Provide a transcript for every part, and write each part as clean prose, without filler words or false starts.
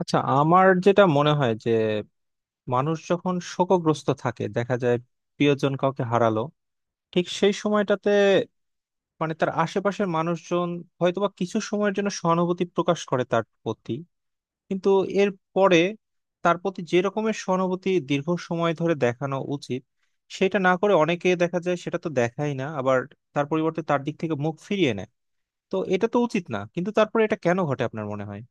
আচ্ছা, আমার যেটা মনে হয় যে মানুষ যখন শোকগ্রস্ত থাকে, দেখা যায় প্রিয়জন কাউকে হারালো ঠিক সেই সময়টাতে মানে তার আশেপাশের মানুষজন হয়তোবা কিছু সময়ের জন্য সহানুভূতি প্রকাশ করে তার প্রতি, কিন্তু এর পরে তার প্রতি যে রকমের সহানুভূতি দীর্ঘ সময় ধরে দেখানো উচিত, সেটা না করে অনেকে দেখা যায় সেটা তো দেখাই না, আবার তার পরিবর্তে তার দিক থেকে মুখ ফিরিয়ে নেয়। তো এটা তো উচিত না, কিন্তু তারপরে এটা কেন ঘটে আপনার মনে হয়?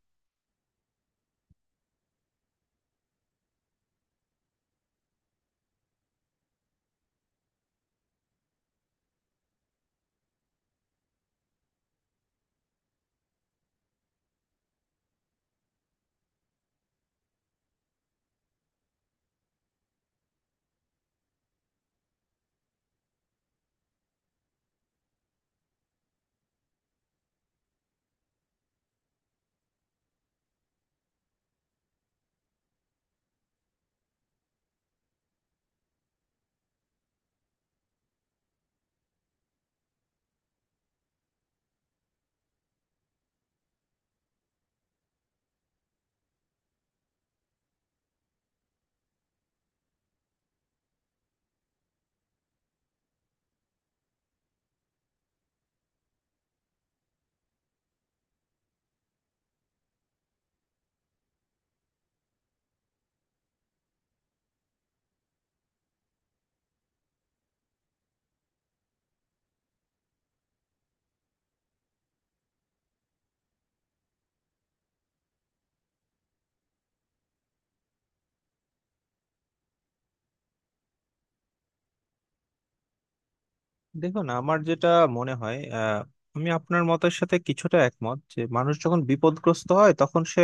দেখুন, আমার যেটা মনে হয়, আমি আপনার মতের সাথে কিছুটা একমত যে মানুষ যখন বিপদগ্রস্ত হয় তখন সে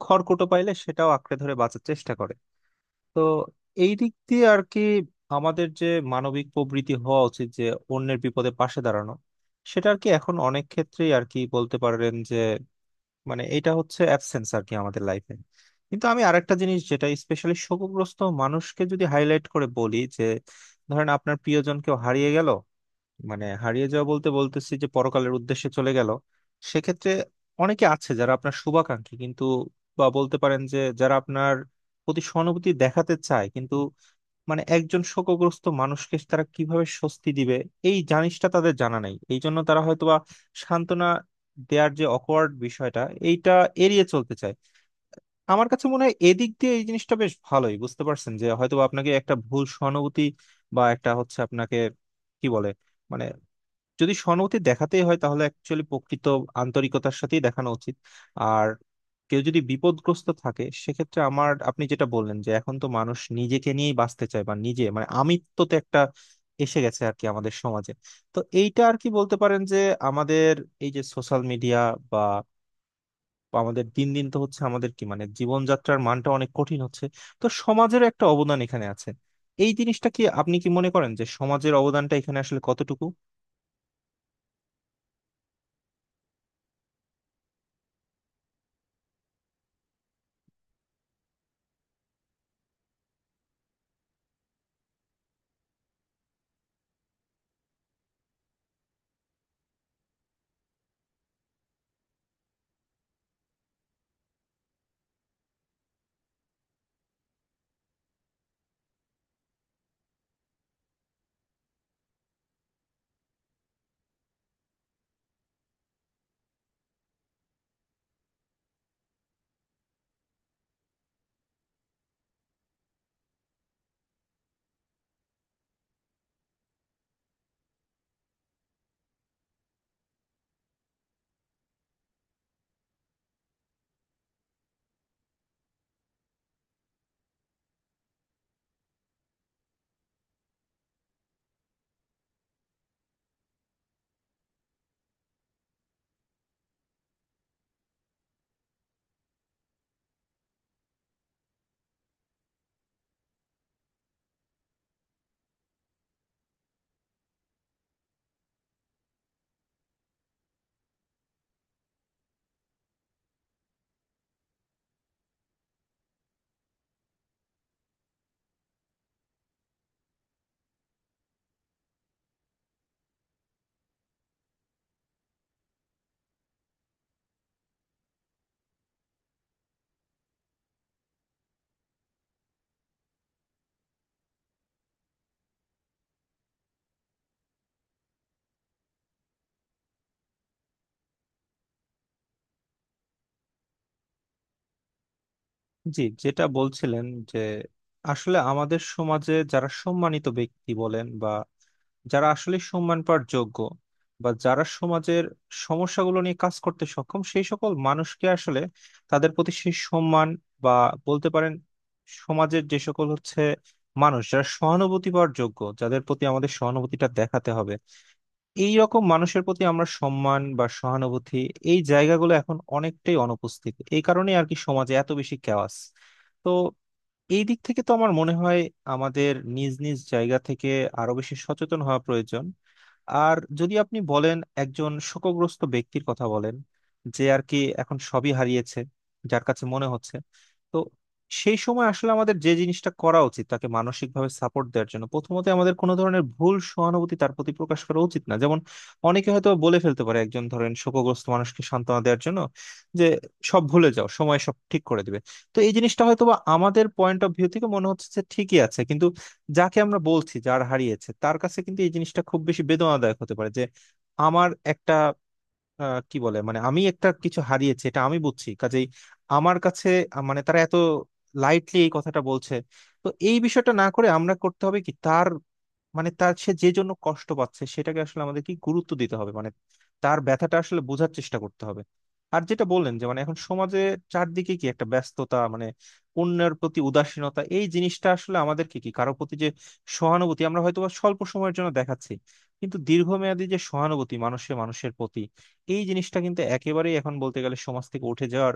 খড়কুটো পাইলে সেটাও আঁকড়ে ধরে বাঁচার চেষ্টা করে। তো এই দিক দিয়ে আর কি, আমাদের যে মানবিক প্রবৃত্তি হওয়া উচিত যে অন্যের বিপদে পাশে দাঁড়ানো, সেটা আর কি এখন অনেক ক্ষেত্রেই আর কি বলতে পারেন যে মানে এটা হচ্ছে অ্যাবসেন্স আর কি আমাদের লাইফে। কিন্তু আমি আরেকটা জিনিস, যেটা স্পেশালি শোকগ্রস্ত মানুষকে যদি হাইলাইট করে বলি যে ধরেন আপনার প্রিয়জন কেউ হারিয়ে গেল, মানে হারিয়ে যাওয়া বলতে বলতেছি যে পরকালের উদ্দেশ্যে চলে গেল, সেক্ষেত্রে অনেকে আছে যারা আপনার শুভাকাঙ্ক্ষী কিন্তু, বা বলতে পারেন যে যারা আপনার প্রতি সহানুভূতি দেখাতে চায় কিন্তু মানে একজন শোকগ্রস্ত মানুষকে তারা কিভাবে স্বস্তি দিবে এই জিনিসটা তাদের জানা নাই, এই জন্য তারা হয়তোবা সান্ত্বনা দেয়ার যে অকওয়ার্ড বিষয়টা, এইটা এড়িয়ে চলতে চায়। আমার কাছে মনে হয় এদিক দিয়ে এই জিনিসটা বেশ ভালোই বুঝতে পারছেন যে হয়তোবা আপনাকে একটা ভুল সহানুভূতি, বা একটা হচ্ছে আপনাকে কি বলে, মানে যদি সহানুভূতি দেখাতেই হয় তাহলে অ্যাকচুয়ালি প্রকৃত আন্তরিকতার সাথেই দেখানো উচিত। আর কেউ যদি বিপদগ্রস্ত থাকে, সেক্ষেত্রে আমার, আপনি যেটা বললেন যে এখন তো মানুষ নিজেকে নিয়েই বাঁচতে চায়, বা নিজে মানে আমিত্ব তো একটা এসে গেছে আর কি আমাদের সমাজে। তো এইটা আর কি বলতে পারেন যে আমাদের এই যে সোশ্যাল মিডিয়া বা বা আমাদের দিন দিন তো হচ্ছে আমাদের কি মানে জীবনযাত্রার মানটা অনেক কঠিন হচ্ছে। তো সমাজেরও একটা অবদান এখানে আছে, এই জিনিসটা কি আপনি কি মনে করেন যে সমাজের অবদানটা এখানে আসলে কতটুকু? জি, যেটা বলছিলেন যে আসলে আমাদের সমাজে যারা সম্মানিত ব্যক্তি বলেন, বা যারা আসলে সম্মান পাওয়ার যোগ্য, বা যারা সমাজের সমস্যাগুলো নিয়ে কাজ করতে সক্ষম, সেই সকল মানুষকে আসলে তাদের প্রতি সেই সম্মান, বা বলতে পারেন সমাজের যে সকল হচ্ছে মানুষ যারা সহানুভূতি পাওয়ার যোগ্য, যাদের প্রতি আমাদের সহানুভূতিটা দেখাতে হবে, এই রকম মানুষের প্রতি আমরা সম্মান বা সহানুভূতি এই জায়গাগুলো এখন অনেকটাই অনুপস্থিত। এই কারণে আর কি সমাজে এত বেশি কেওয়াস। তো এই দিক থেকে তো আমার মনে হয় আমাদের নিজ নিজ জায়গা থেকে আরো বেশি সচেতন হওয়া প্রয়োজন। আর যদি আপনি বলেন একজন শোকগ্রস্ত ব্যক্তির কথা বলেন, যে আর কি এখন সবই হারিয়েছে যার কাছে মনে হচ্ছে, তো সেই সময় আসলে আমাদের যে জিনিসটা করা উচিত তাকে মানসিকভাবে সাপোর্ট দেওয়ার জন্য, প্রথমত আমাদের কোনো ধরনের ভুল সহানুভূতি তার প্রতি প্রকাশ করা উচিত না। যেমন অনেকে হয়তো বলে ফেলতে পারে একজন ধরেন শোকগ্রস্ত মানুষকে সান্ত্বনা দেওয়ার জন্য যে সব ভুলে যাও, সময় সব ঠিক করে দিবে। তো এই জিনিসটা হয়তো বা আমাদের পয়েন্ট অফ ভিউ থেকে মনে হচ্ছে যে ঠিকই আছে, কিন্তু যাকে আমরা বলছি, যার হারিয়েছে তার কাছে কিন্তু এই জিনিসটা খুব বেশি বেদনাদায়ক হতে পারে যে আমার একটা কি বলে, মানে আমি একটা কিছু হারিয়েছি এটা আমি বুঝছি, কাজেই আমার কাছে মানে তারা এত লাইটলি এই কথাটা বলছে। তো এই বিষয়টা না করে আমরা করতে হবে কি, তার মানে তার সে যে জন্য কষ্ট পাচ্ছে সেটাকে আসলে আমাদের কি গুরুত্ব দিতে হবে, মানে তার ব্যথাটা আসলে বোঝার চেষ্টা করতে হবে। আর যেটা বললেন যে মানে এখন সমাজে চারদিকে কি একটা ব্যস্ততা, মানে অন্যের প্রতি উদাসীনতা, এই জিনিসটা আসলে আমাদেরকে কি কারোর প্রতি যে সহানুভূতি আমরা হয়তো বা স্বল্প সময়ের জন্য দেখাচ্ছি, কিন্তু দীর্ঘমেয়াদী যে সহানুভূতি মানুষে মানুষের প্রতি, এই জিনিসটা কিন্তু একেবারেই এখন বলতে গেলে সমাজ থেকে উঠে যাওয়ার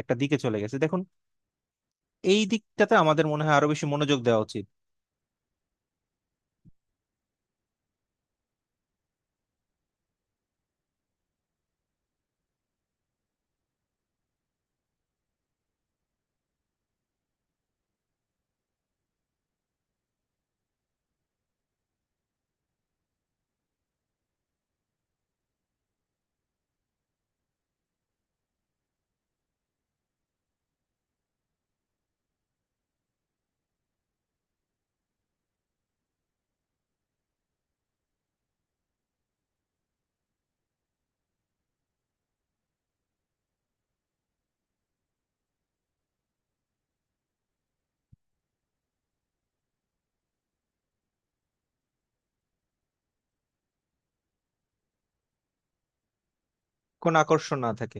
একটা দিকে চলে গেছে। দেখুন, এই দিকটাতে আমাদের মনে হয় আরো বেশি মনোযোগ দেওয়া উচিত। কোন আকর্ষণ না থাকে।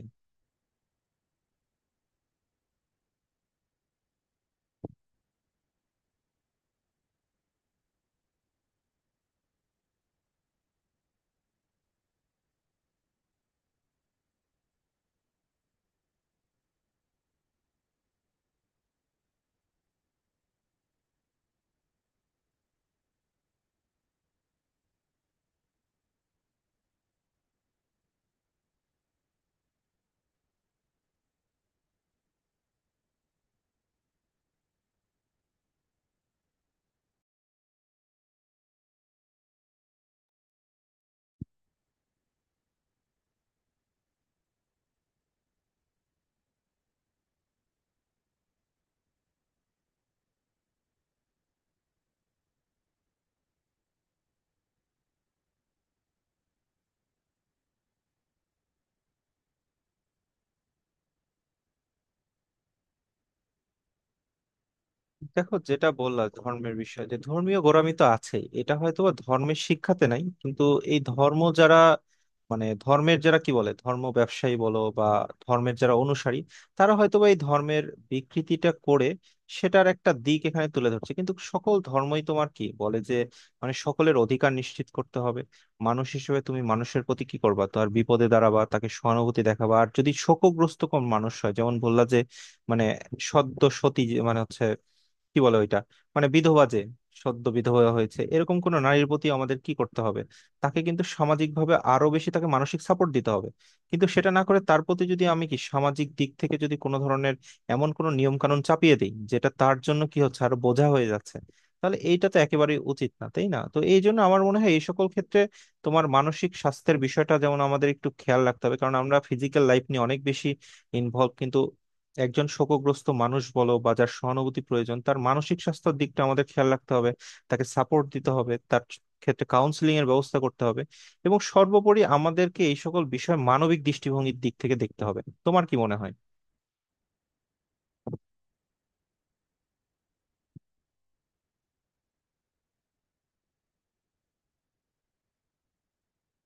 দেখো, যেটা বললা ধর্মের বিষয়ে, যে ধর্মীয় গোঁড়ামি তো আছে, এটা হয়তো বা ধর্মের শিক্ষাতে নাই, কিন্তু এই ধর্ম যারা, মানে ধর্মের যারা কি বলে ধর্ম ব্যবসায়ী বলো, বা ধর্মের যারা অনুসারী, তারা হয়তো বা এই ধর্মের বিকৃতিটা করে, সেটার একটা দিক এখানে তুলে ধরছে। কিন্তু সকল ধর্মই তোমার কি বলে যে মানে সকলের অধিকার নিশ্চিত করতে হবে, মানুষ হিসেবে তুমি মানুষের প্রতি কি করবা, তার বিপদে দাঁড়াবা, তাকে সহানুভূতি দেখাবা। আর যদি শোকগ্রস্ত কোন মানুষ হয়, যেমন বললা যে মানে সদ্য মানে হচ্ছে কি বলে ওইটা, মানে বিধবা, যে সদ্য বিধবা হয়েছে, এরকম কোনো নারীর প্রতি আমাদের কি করতে হবে? তাকে কিন্তু সামাজিকভাবে আরো বেশি তাকে মানসিক সাপোর্ট দিতে হবে। কিন্তু সেটা না করে তার প্রতি যদি আমি কি সামাজিক দিক থেকে যদি কোনো ধরনের এমন কোনো নিয়ম কানুন চাপিয়ে দিই যেটা তার জন্য কি হচ্ছে আর বোঝা হয়ে যাচ্ছে, তাহলে এইটা তো একেবারেই উচিত না, তাই না? তো এই জন্য আমার মনে হয় এই সকল ক্ষেত্রে তোমার মানসিক স্বাস্থ্যের বিষয়টা যেমন আমাদের একটু খেয়াল রাখতে হবে, কারণ আমরা ফিজিক্যাল লাইফ নিয়ে অনেক বেশি ইনভলভ, কিন্তু একজন শোকগ্রস্ত মানুষ বলো বা যার সহানুভূতি প্রয়োজন, তার মানসিক স্বাস্থ্যের দিকটা আমাদের খেয়াল রাখতে হবে, তাকে সাপোর্ট দিতে হবে, তার ক্ষেত্রে কাউন্সিলিং এর ব্যবস্থা করতে হবে। এবং সর্বোপরি আমাদেরকে এই সকল বিষয় মানবিক দৃষ্টিভঙ্গির দিক থেকে দেখতে হবে। তোমার কি মনে হয়?